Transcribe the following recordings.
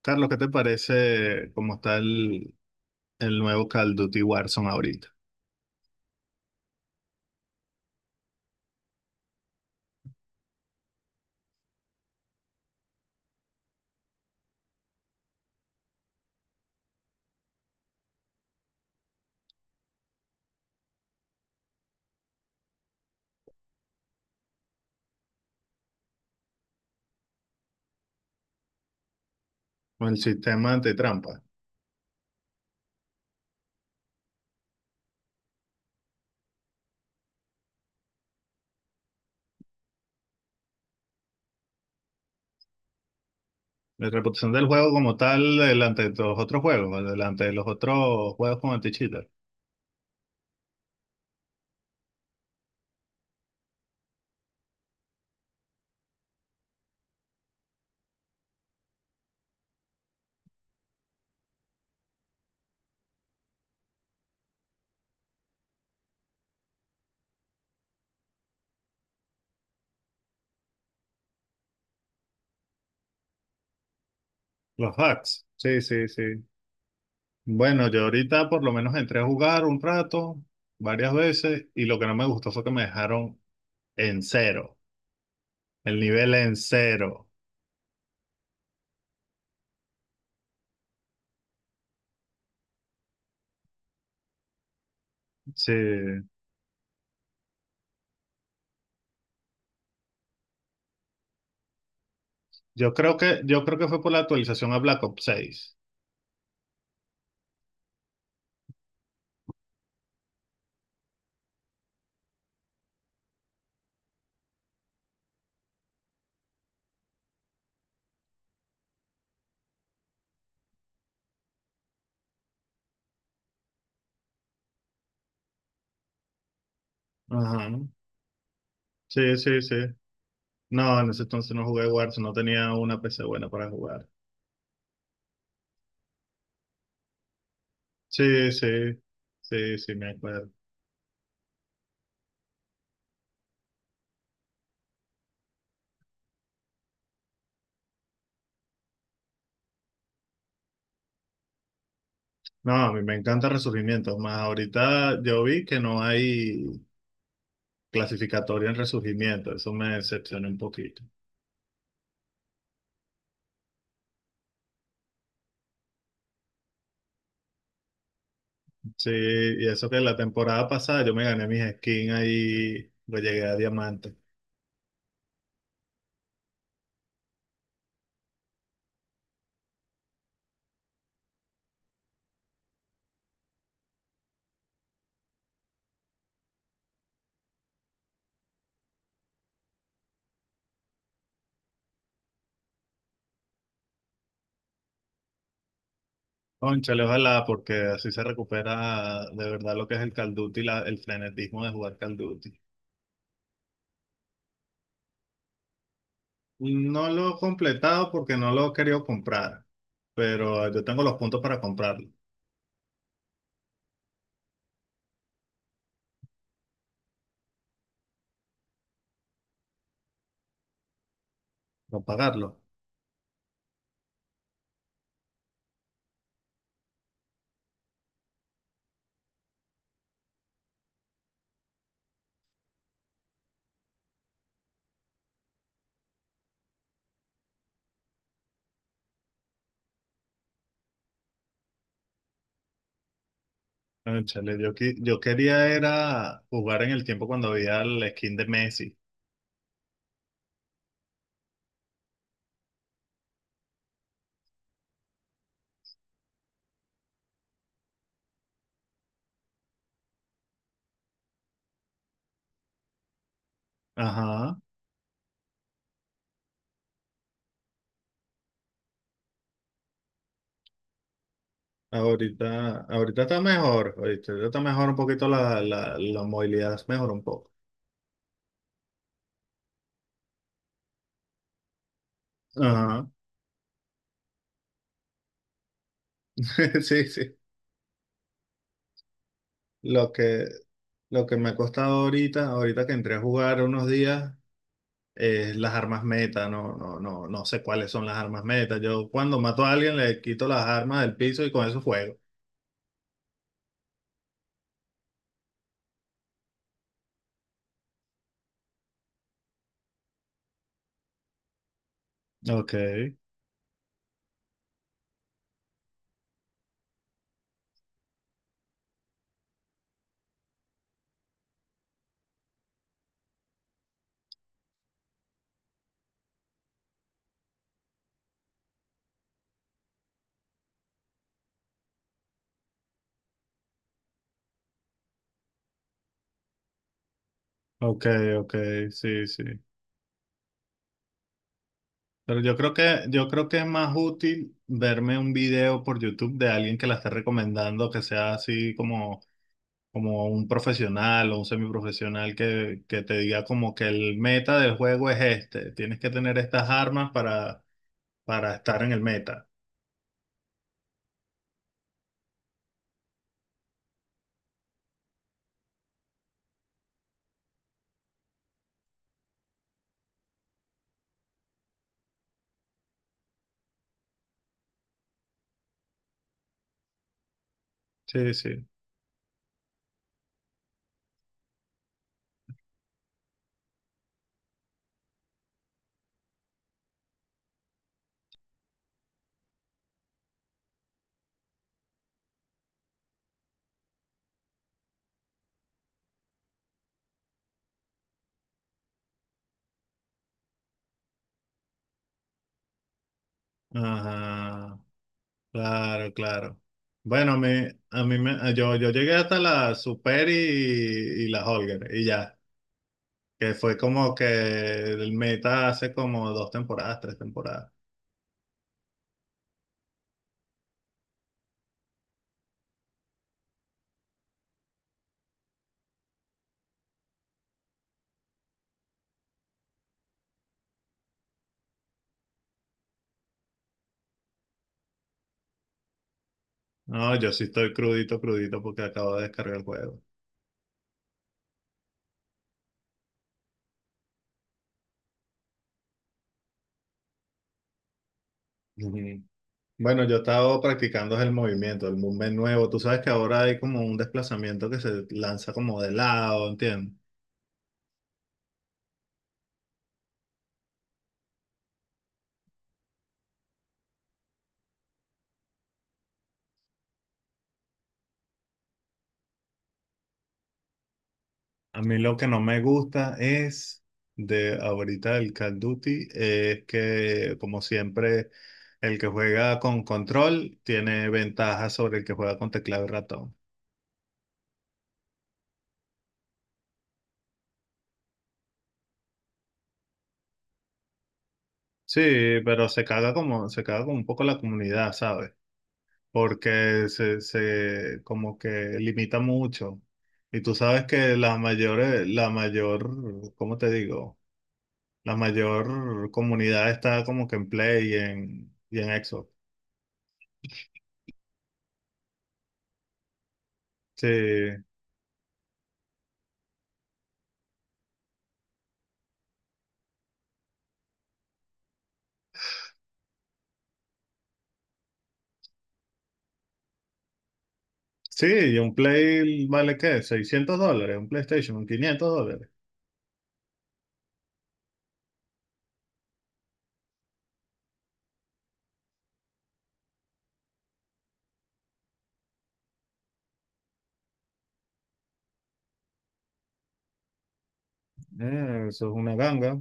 Carlos, ¿qué te parece cómo está el nuevo Call of Duty Warzone ahorita? Con el sistema antitrampa. La reputación del juego como tal delante de los otros juegos, delante de los otros juegos con anti. Los hacks, sí, sí, sí. Bueno, yo ahorita por lo menos entré a jugar un rato, varias veces, y lo que no me gustó fue que me dejaron en cero, el nivel en cero. Sí. Yo creo que fue por la actualización a Black Ops 6. Ajá. Sí, sí, sí. No, en ese entonces no jugué Warzone, no tenía una PC buena para jugar. Sí, sí, sí, sí, me acuerdo. No, a mí me encanta Resurgimiento, más ahorita yo vi que no hay clasificatoria en resurgimiento, eso me decepcionó un poquito. Sí, y eso que la temporada pasada yo me gané mis skins ahí, pues llegué a diamante. Cónchale, ojalá, porque así se recupera de verdad lo que es el Call of Duty, el frenetismo de jugar Call of Duty. No lo he completado porque no lo he querido comprar, pero yo tengo los puntos para comprarlo, para pagarlo. Cónchale, yo quería era jugar en el tiempo cuando había el skin de Messi. Ajá. Ahorita, ahorita está mejor un poquito la movilidad, mejor un poco. Ajá. Sí, sí. Lo que, lo que me ha costado ahorita, ahorita que entré a jugar unos días, es las armas meta. No, no, no, no sé cuáles son las armas meta. Yo cuando mato a alguien le quito las armas del piso y con eso juego. Ok, ok, ok, sí, sí. Pero yo creo que es más útil verme un video por YouTube de alguien que la esté recomendando, que sea así como como un profesional o un semiprofesional que te diga como que el meta del juego es este, tienes que tener estas armas para estar en el meta. Sí, sí. Ajá, claro, claro. Bueno, a mí me, yo llegué hasta la Super y la Holger y ya, que fue como que el meta hace como dos temporadas, tres temporadas. No, yo sí estoy crudito, crudito porque acabo de descargar el juego. Bueno, yo he estado practicando el movimiento, el movement nuevo. Tú sabes que ahora hay como un desplazamiento que se lanza como de lado, ¿entiendes? A mí lo que no me gusta es de ahorita el Call of Duty es que, como siempre, el que juega con control tiene ventaja sobre el que juega con teclado y ratón. Sí, pero se caga como un poco la comunidad, ¿sabes? Porque se como que limita mucho. Y tú sabes que la mayor, ¿cómo te digo? La mayor comunidad está como que en Play y y en Xbox. Sí, sí, y un Play vale ¿qué? $600, un PlayStation, $500. Eso es una ganga.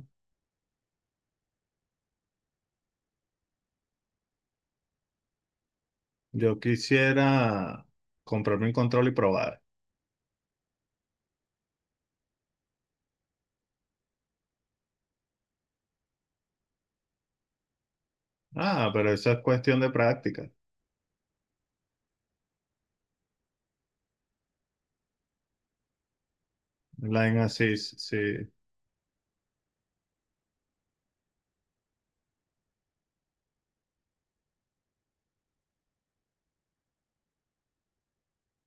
Yo quisiera comprarme un control y probar. Ah, pero eso es cuestión de práctica. Line Assist, sí.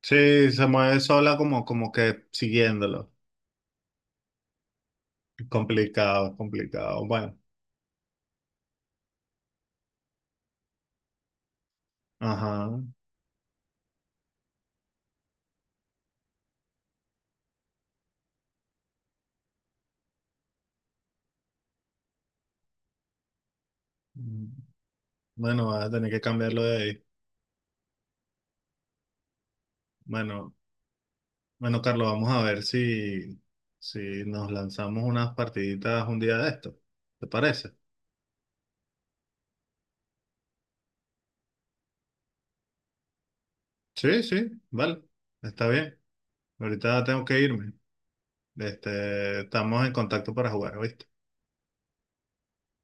Sí, se mueve sola como, como que siguiéndolo. Complicado, complicado. Bueno, ajá. Mm. Bueno, vas a tener que cambiarlo de ahí. Bueno, bueno, Carlos, vamos a ver si, si nos lanzamos unas partiditas un día de esto. ¿Te parece? Sí, sí, vale. Está bien. Ahorita tengo que irme. Este, estamos en contacto para jugar, ¿viste?